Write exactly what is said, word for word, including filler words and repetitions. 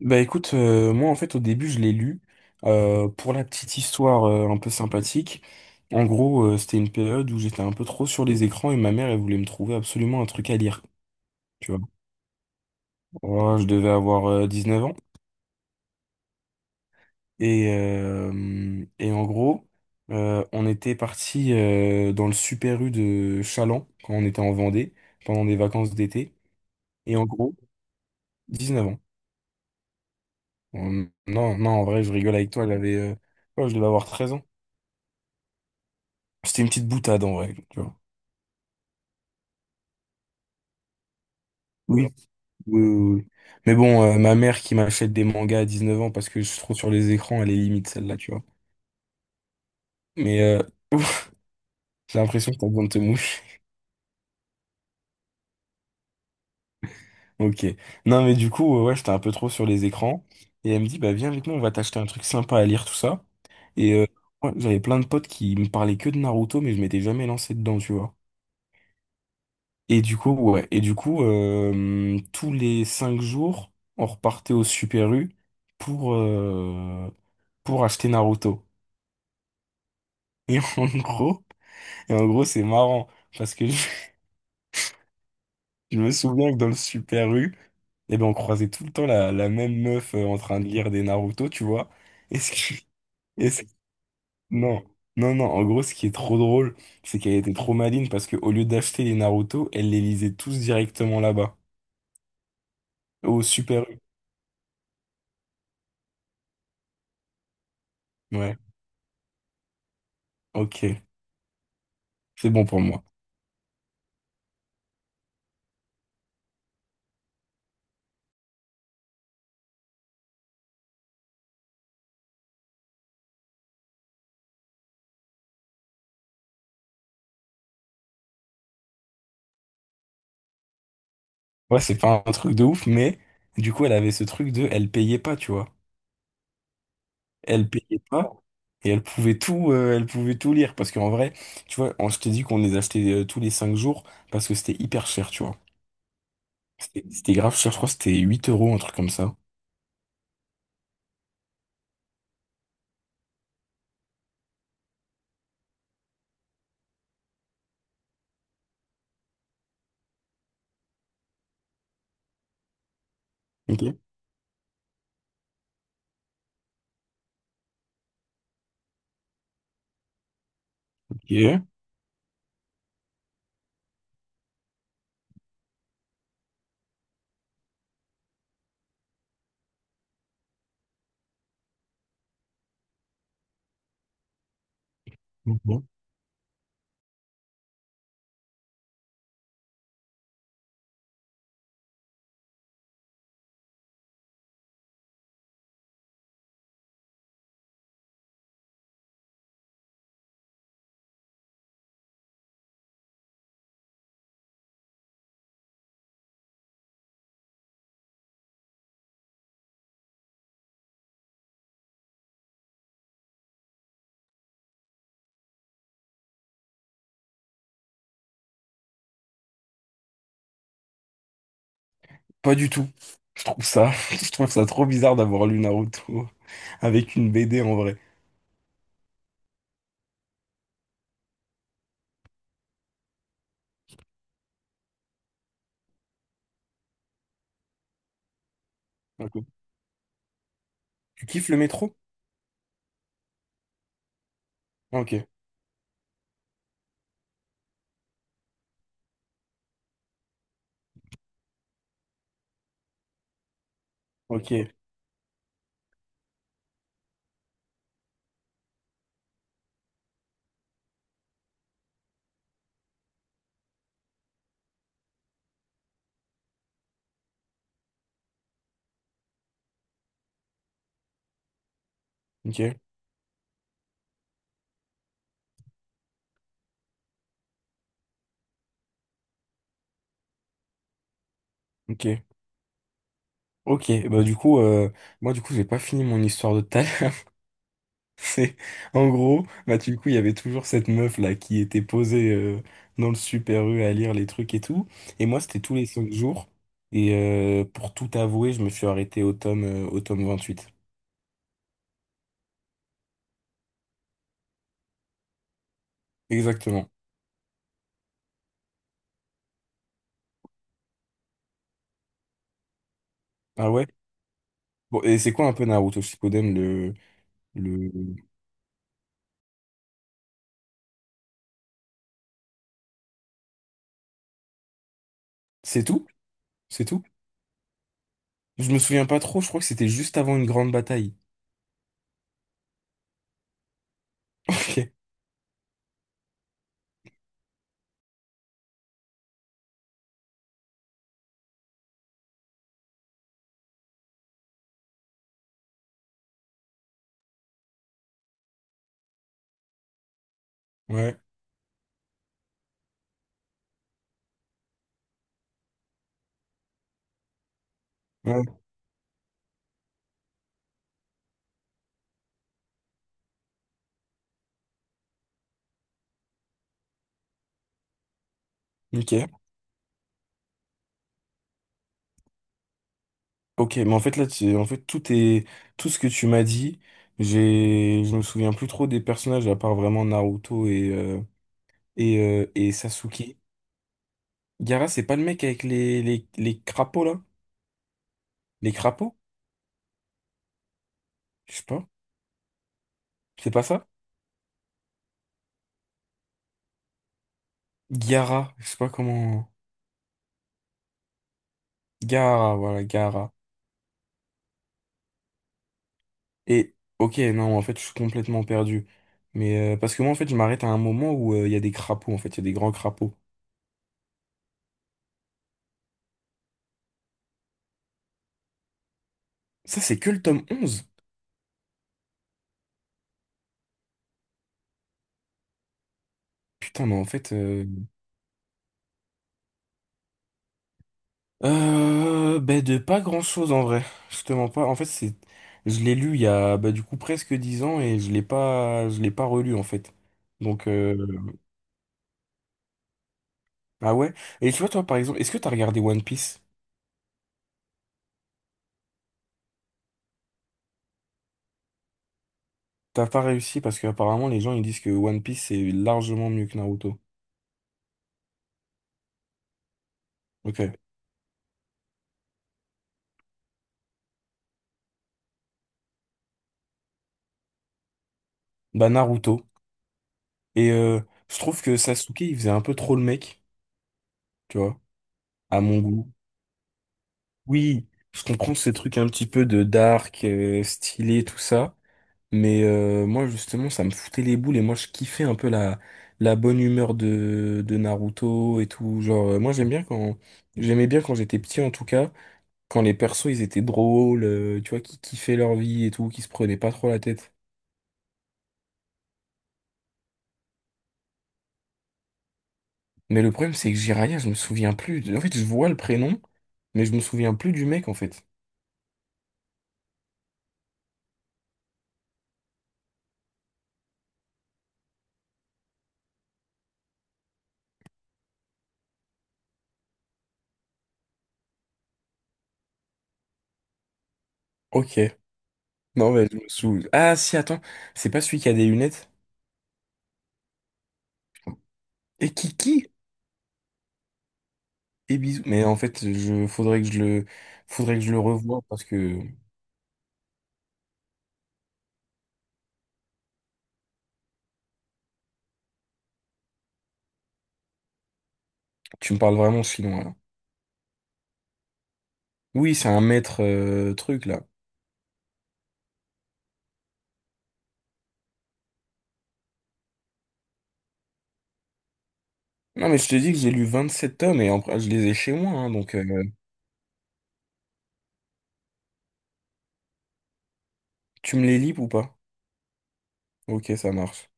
Bah écoute, euh, moi en fait au début je l'ai lu euh, pour la petite histoire euh, un peu sympathique. En gros, euh, c'était une période où j'étais un peu trop sur les écrans et ma mère elle voulait me trouver absolument un truc à lire. Tu vois. Voilà, je devais avoir euh, neuf ans et euh, et en gros euh, on était parti euh, dans le Super U de Chaland quand on était en Vendée pendant des vacances d'été et en gros dix neuf ans. Euh, Non non en vrai je rigole avec toi, elle avait euh, ouais, je devais avoir treize ans. C'était une petite boutade en vrai. Tu vois. Oui, oui, oui. Oui. Mais bon, euh, ma mère qui m'achète des mangas à dix-neuf ans parce que je suis trop sur les écrans, elle est limite celle-là, tu vois. Mais euh, j'ai l'impression que t'as besoin de te mouche. Ok. Non, mais du coup, euh, ouais, j'étais un peu trop sur les écrans. Et elle me dit, bah viens avec nous, on va t'acheter un truc sympa à lire, tout ça. Et euh, ouais, j'avais plein de potes qui me parlaient que de Naruto, mais je m'étais jamais lancé dedans, tu vois. Et du coup, ouais. Et du coup, euh, tous les cinq jours, on repartait au Super U pour, euh, pour acheter Naruto. Et en gros. Et en gros, c'est marrant parce que je me souviens que dans le Super U, eh ben, on croisait tout le temps la, la même meuf euh, en train de lire des Naruto, tu vois. Et ce qui... et ce- Non, non, non. En gros, ce qui est trop drôle, c'est qu'elle était trop maligne parce qu'au lieu d'acheter les Naruto, elle les lisait tous directement là-bas, au Super U. Ouais, ok. C'est bon pour moi. Ouais, c'est pas un truc de ouf, mais du coup, elle avait ce truc de... Elle payait pas, tu vois. Elle payait pas. Et elle pouvait tout, euh, elle pouvait tout lire. Parce qu'en vrai, tu vois, on- je t'ai dit qu'on les achetait euh, tous les cinq jours parce que c'était hyper cher, tu vois. C'était c'était grave cher, je crois que c'était huit euros, un truc comme ça. Ok. Ok. Ok. Pas du tout. Je trouve ça, je trouve ça trop bizarre d'avoir lu Naruto avec une B D en vrai. Ok. Tu kiffes le métro? Ah, ok. Ok. Ok. Ok. Ok. Bah du coup, euh, moi du coup, j'ai pas fini mon histoire de tout. C'est en gros, bah du coup, il y avait toujours cette meuf là qui était posée euh, dans le Super U à lire les trucs et tout. Et moi, c'était tous les cinq jours. Et euh, pour tout avouer, je me suis arrêté au tome euh, au tome vingt-huit. Exactement. Ah ouais? Bon, et c'est quoi un peu Naruto Shippuden. Le le C'est tout? C'est tout? Je me souviens pas trop, je crois que c'était juste avant une grande bataille. Ok. Ouais. Ouais. Ok. Ok, mais en fait là, tu- en fait tout est tout ce que tu m'as dit, j'ai je me souviens plus trop des personnages à part vraiment Naruto et euh, et euh, et Sasuke. Gaara, c'est pas le mec avec les les les crapauds là? Les crapauds? Je sais pas. C'est pas ça? Gaara, je sais pas comment. Gaara, voilà, Gaara. Et ok, non, en fait, je suis complètement perdu. Mais euh, parce que moi en fait, je m'arrête à un moment où euh, il y a des crapauds en fait, il y a des grands crapauds. Ça, c'est que le tome onze. Putain, mais en fait, euh, Euh, ben de pas grand-chose en vrai. Justement pas. En fait, c'est, je l'ai lu il y a bah, du coup presque dix ans et je l'ai pas, je l'ai pas relu en fait. Donc euh, ah ouais. Et tu vois toi par exemple, est-ce que t'as regardé One Piece? T'as pas réussi parce que apparemment les gens ils disent que One Piece c'est largement mieux que Naruto. Ok. Bah Naruto. Et euh, je trouve que Sasuke il faisait un peu trop le mec, tu vois, à mon goût. Oui, je comprends ces trucs un petit peu de dark, euh, stylé, tout ça. Mais euh, moi justement ça me foutait les boules et moi je kiffais un peu la, la bonne humeur de, de Naruto et tout. Genre euh, moi j'aime bien quand j'aimais bien quand j'étais petit en tout cas, quand les persos ils étaient drôles, euh, tu vois, qui kiffaient leur vie et tout, qui se prenaient pas trop la tête. Mais le problème c'est que Jiraiya, je me souviens plus. En fait je vois le prénom, mais je me souviens plus du mec en fait. Ok. Non mais je me souviens. Ah si attends, c'est pas celui qui a des lunettes. Et Kiki et bisous. Mais en fait je faudrait que je le faudrait que je le revoie parce que. Tu me parles vraiment chinois, là. Oui, c'est un maître euh, truc, là. Non, mais je te dis que j'ai lu vingt-sept tomes et en- je les ai chez moi, hein, donc euh, tu me les lis ou pas? Ok, ça marche.